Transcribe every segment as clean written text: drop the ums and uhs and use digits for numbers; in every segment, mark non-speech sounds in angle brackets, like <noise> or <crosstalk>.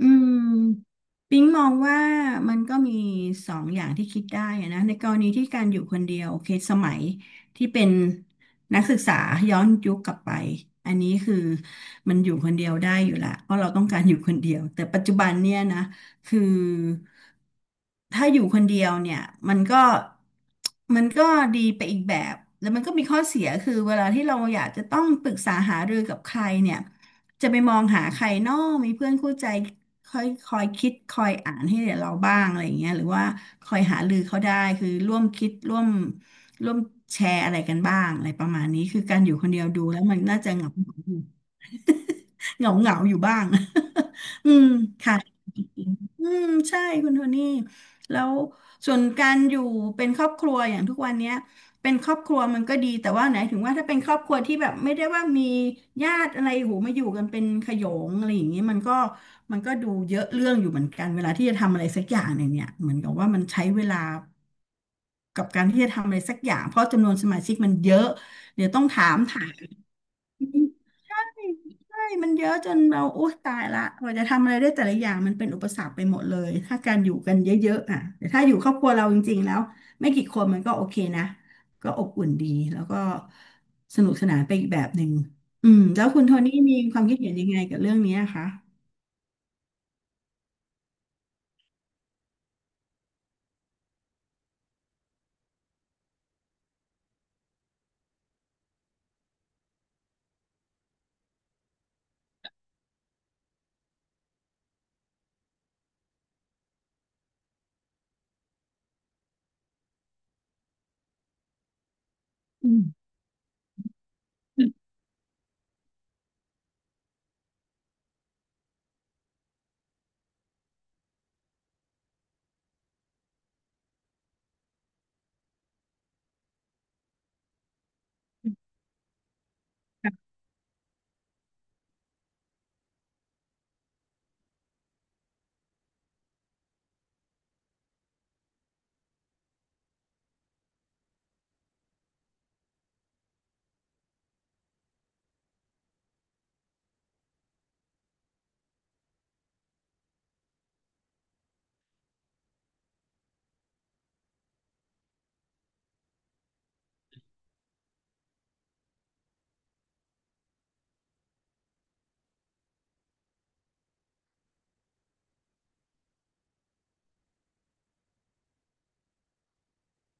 อืมปิ๊งมองว่ามันก็มีสองอย่างที่คิดได้อะนะในกรณีที่การอยู่คนเดียวโอเคสมัยที่เป็นนักศึกษาย้อนยุคกลับไปอันนี้คือมันอยู่คนเดียวได้อยู่ละเพราะเราต้องการอยู่คนเดียวแต่ปัจจุบันเนี่ยนะคือถ้าอยู่คนเดียวเนี่ยมันก็มันก็ดีไปอีกแบบแล้วมันก็มีข้อเสียคือเวลาที่เราอยากจะต้องปรึกษาหารือกับใครเนี่ย จะไปมองหาใครเนอกมีเพื่อนคู่ใจคอยคิดคอยอ่านให้เราบ้างอะไรอย่างเงี้ยหรือว่าคอยหารือเขาได้คือร่วมคิดร่วมแชร์อะไรกันบ้างอะไรประมาณนี้คือการอยู่คนเดียวดูแล้วมันน่าจะเหงาเหงา <laughs> เหงาอยู่บ้าง <laughs> อืมค่ะอืมใช่คุณโทนี่แล้วส่วนการอยู่เป็นครอบครัวอย่างทุกวันเนี้ย เป็นครอบครัวมันก็ดีแต่ว่าไหนถึงว่าถ้าเป็นครอบครัวที่แบบไม่ได้ว่ามีญาติอะไรหูมาอยู่กันเป็นขโยงอะไรอย่างนี้มันก็ดูเยอะเรื่องอยู่เหมือนกันเวลาที่จะทำอะไรสักอย่างหนึ่งเนี่ยเหมือนกับว่ามันใช้เวลากับการที่จะทำอะไรสักอย่างเพราะจำนวนสมาชิกมันเยอะเดี๋ยวต้องถาม ใช่ มันเยอะจนเราโอ๊ยตายละกว่าจะทำอะไรได้แต่ละอย่าง มันเป็นอุปสรรคไปหมดเลย ถ้าการอยู่กันเยอะๆอ่ะแต่ถ้าอยู่ครอบครัวเราจริงๆแล้วไม่กี่คนมันก็โอเคนะ ก็อบอุ่นดีแล้วก็สนุกสนานไปอีกแบบหนึ่งอืมแล้วคุณโทนี่มีความคิดเห็นยังไงกับเรื่องนี้อะคะอืม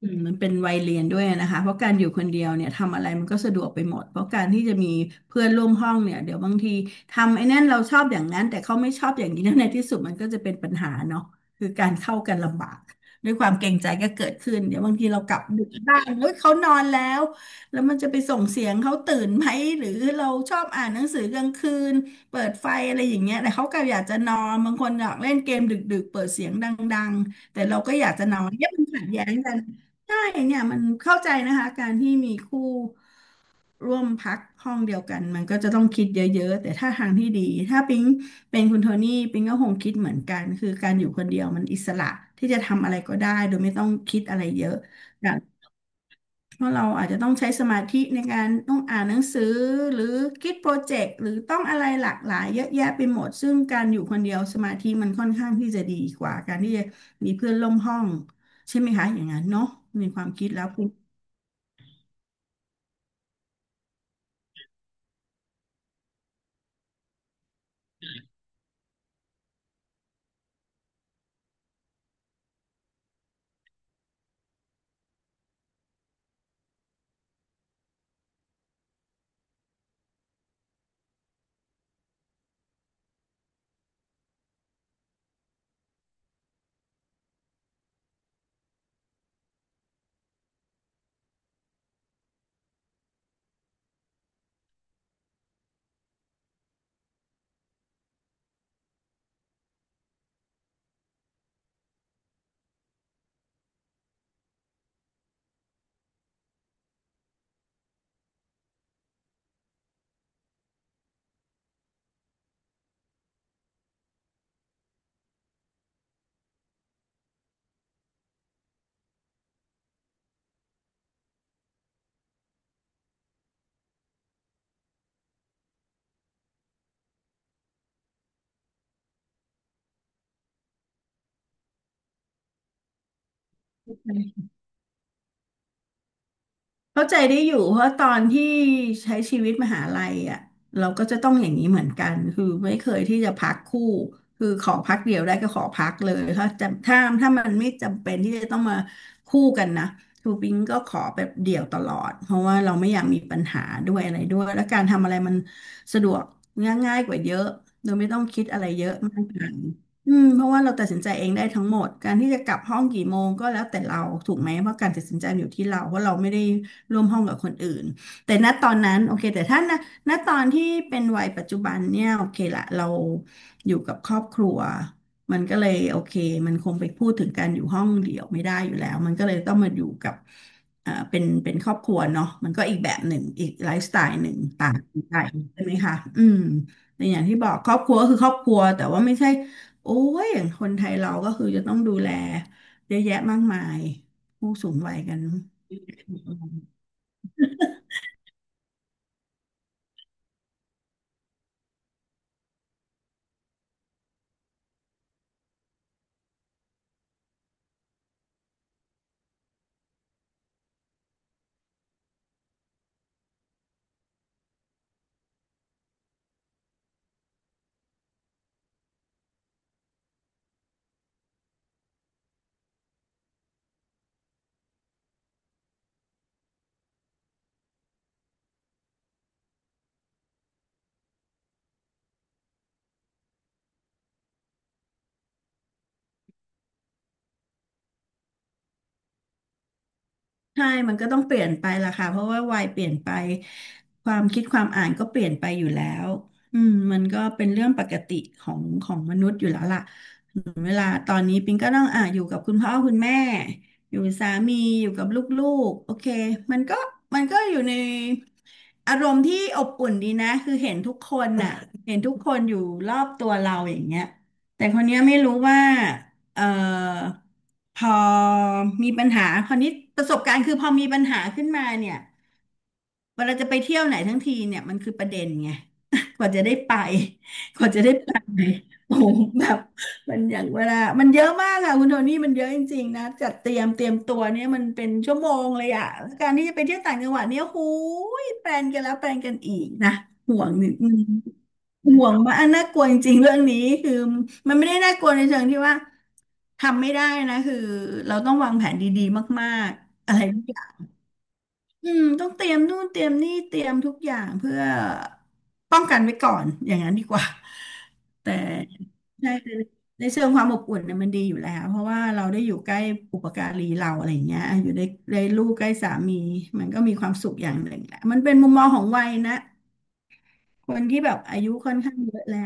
อืมมันเป็นวัยเรียนด้วยนะคะเพราะการอยู่คนเดียวเนี่ยทำอะไรมันก็สะดวกไปหมดเพราะการที่จะมีเพื่อนร่วมห้องเนี่ยเดี๋ยวบางทีทำไอ้นั่นเราชอบอย่างนั้นแต่เขาไม่ชอบอย่างนี้แล้วในที่สุดมันก็จะเป็นปัญหาเนาะคือการเข้ากันลำบากด้วยความเกรงใจก็เกิดขึ้นเดี๋ยวบางทีเรากลับดึกบ้างเฮ้ยเขานอนแล้วแล้วมันจะไปส่งเสียงเขาตื่นไหมหรือเราชอบอ่านหนังสือกลางคืนเปิดไฟอะไรอย่างเงี้ยแต่เขาก็อยากจะนอนบางคนอยากเล่นเกมดึกๆเปิดเสียงดังๆแต่เราก็อยากจะนอนเนี่ยมันขัดแย้งกัน ใช่เนี่ยมันเข้าใจนะคะการที่มีคู่ร่วมพักห้องเดียวกันมันก็จะต้องคิดเยอะๆแต่ถ้าทางที่ดีถ้าปิ๊งเป็นคุณโทนี่ปิ๊งก็คงคิดเหมือนกันคือการอยู่คนเดียวมันอิสระที่จะทำอะไรก็ได้โดยไม่ต้องคิดอะไรเยอะอย่างเพราะเราอาจจะต้องใช้สมาธิในการต้องอ่านหนังสือหรือคิดโปรเจกต์หรือต้องอะไรหลากหลายเยอะแยะไปหมดซึ่งการอยู่คนเดียวสมาธิมันค่อนข้างที่จะดีกว่าการที่จะมีเพื่อนร่วมห้องใช่ไหมคะอย่างนั้นเนาะในความคิดแล้วปิ๊ง เข้าใจได้อยู่เพราะตอนที่ใช้ชีวิตมหาลัยอ่ะเราก็จะต้องอย่างนี้เหมือนกันคือไม่เคยที่จะพักคู่คือขอพักเดียวได้ก็ขอพักเลยถ้าจะถ้ามันไม่จำเป็นที่จะต้องมาคู่กันนะคือปิงก็ขอแบบเดี่ยวตลอดเพราะว่าเราไม่อยากมีปัญหาด้วยอะไรด้วยแล้วการทำอะไรมันสะดวกง่ายๆกว่าเยอะโดยไม่ต้องคิดอะไรเยอะมากมายอืมเพราะว่าเราตัดสินใจเองได้ทั้งหมดการที่จะกลับห้องกี่โมงก็แล้วแต่เราถูกไหมเพราะการตัดสินใจอยู่ที่เราเพราะเราไม่ได้ ร่วมห้องกับคนอื่นแต่ณตอนนั้นโอเคแต่ถ้าณตอนที่เป็นวัยปัจจุบันเนี่ยโอเคละเราอยู่กับครอบครัวมันก็เลยโอเคมันคงไปพูดถึงการอยู่ห้องเดี่ยวไม่ได้อยู่แล้วมันก็เลยต้องมาอยู่กับเป็นครอบครัวเนาะมันก็อีกแบบหนึ่งอีกไลฟ์สไตล์หนึ่งต่างกันใช่ไหมคะอืมแต่อย่างที่บอกครอบครัวก็คือครอบครัวแต่ว่าไม่ใช่โอ้ยอย่างคนไทยเราก็คือจะต้องดูแลเยอะแยะมากมายผู้สูงวัยกัน ใช่มันก็ต้องเปลี่ยนไปล่ะค่ะเพราะว่าวัยเปลี่ยนไปความคิดความอ่านก็เปลี่ยนไปอยู่แล้วอืมมันก็เป็นเรื่องปกติของมนุษย์อยู่แล้วล่ะเวลาตอนนี้ปิงก็ต้องอ่ะอยู่กับคุณพ่อคุณแม่อยู่กับสามีอยู่กับลูกๆโอเคมันก็มันก็อยู่ในอารมณ์ที่อบอุ่นดีนะคือเห็นทุกคนน่ะเห็นทุกคนอยู่รอบตัวเราอย่างเงี้ยแต่คนเนี้ยไม่รู้ว่า เอ่อพอมีปัญหาคราวนี้ประสบการณ์คือพอมีปัญหาขึ้นมาเนี่ยเวลาจะไปเที่ยวไหนทั้งทีเนี่ยมันคือประเด็นไง <laughs> กว่าจะได้ไป <laughs> กว่าจะได้ไปโอ้โหแบบมันอย่างเวลามันเยอะมากค่ะคุณโทนี่มันเยอะจริงๆนะจัดเตรียมตัวเนี่ยมันเป็นชั่วโมงเลยอะแล้วการที่จะไปเที่ยวต่างจังหวัดเนี่ยหูยแปลนกันแล้วแปลนกันอีกนะห่วงนิดนึงห่วงมากอันน่ากลัวจริงๆเรื่องนี้คือมันไม่ได้น่ากลัวในเชิงที่ว่า ทำไม่ได้นะคือเราต้องวางแผนดีๆมากๆอะไรทุกอย่างอืมต้องเตรียมนู่นเตรียมนี่เตรียมทุกอย่างเพื่อป้องกันไว้ก่อนอย่างนั้นดีกว่าแต่ใช่แต่ในเชิงความอบอุ่นเนี่ยมันดีอยู่แล้วเพราะว่าเราได้อยู่ใกล้อุปการีเราอะไรอย่างเงี้ยอยู่ในลูกใกล้สามีมันก็มีความสุขอย่างหนึ่งแหละมันเป็นมุมมองของวัยนะคนที่แบบอายุค่อนข้างเยอะแล้ว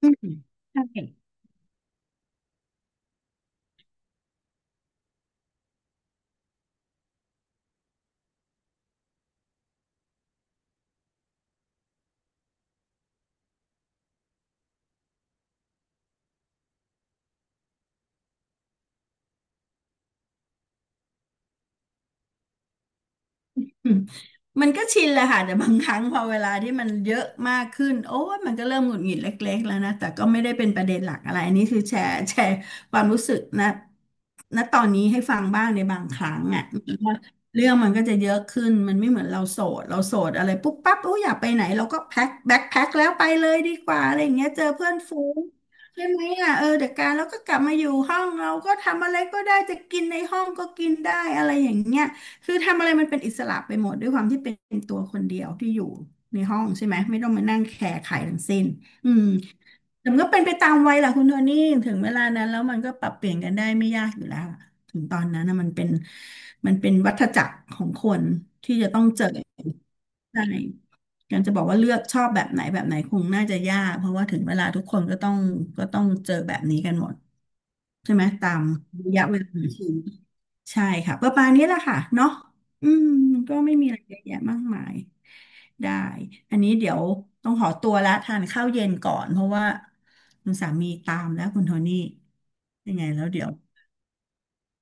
อืมใช่ มันก็ชินแหละค่ะแต่บางครั้งพอเวลาที่มันเยอะมากขึ้นโอ้ยมันก็เริ่มหงุดหงิดเล็กๆแล้วนะแต่ก็ไม่ได้เป็นประเด็นหลักอะไรอันนี้คือแชร์ความรู้สึกนะณตอนนี้ให้ฟังบ้างในบางครั้งอ่ะว่าเรื่องมันก็จะเยอะขึ้นมันไม่เหมือนเราโสดอะไรปุ๊บปั๊บโอ้ยอยากไปไหนเราก็แพ็คแบ็คแพ็คแล้วไปเลยดีกว่าอะไรอย่างเงี้ยเจอเพื่อนฝูงใช่ไหมอ่ะเออเดี๋ยวการแล้วก็กลับมาอยู่ห้องเราก็ทำอะไรก็ได้จะกินในห้องก็กินได้อะไรอย่างเงี้ย คือทำอะไรมันเป็นอิสระไปหมดด้วยความที่เป็นตัวคนเดียวที่อยู่ในห้องใช่ไหมไม่ต้องมานั่งแคร์ใครทั้งสิ้นอืมแต่มันก็เป็นไปตามวัยแหละคุณโทนี่ถึงเวลานั้นแล้วมันก็ปรับเปลี่ยนกันได้ไม่ยากอยู่แล้วล่ะถึงตอนนั้นนะมันเป็นวัฏจักรของคนที่จะต้องเจอใช่การจะบอกว่าเลือกชอบแบบไหนแบบไหนคงน่าจะยากเพราะว่าถึงเวลาทุกคนก็ต้องเจอแบบนี้กันหมดใช่ไหมตามระยะเวลาของชีวิต ใช่ค่ะประมาณนี้แหละค่ะเนาะอืมก็ไม่มีอะไรเยอะแยะมากมายได้อันนี้เดี๋ยวต้องขอตัวละทานข้าวเย็นก่อนเพราะว่าคุณสามีตามแล้วคุณโทนี่ยังไงแล้วเดี๋ยว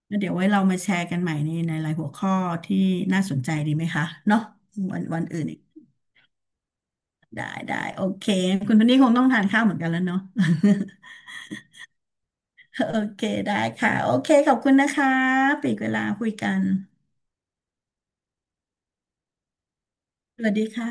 แล้วเดี๋ยวไว้เรามาแชร์กันใหม่ในรายหัวข้อที่น่าสนใจดีไหมคะเนาะวันอื่นอีกได้ได้โอเคคุณโทนี่คงต้องทานข้าวเหมือนกันแล้วเนาะ <laughs> โอเคได้ค่ะโอเคขอบคุณนะคะปีกเวลาคุยกันสวัสดีค่ะ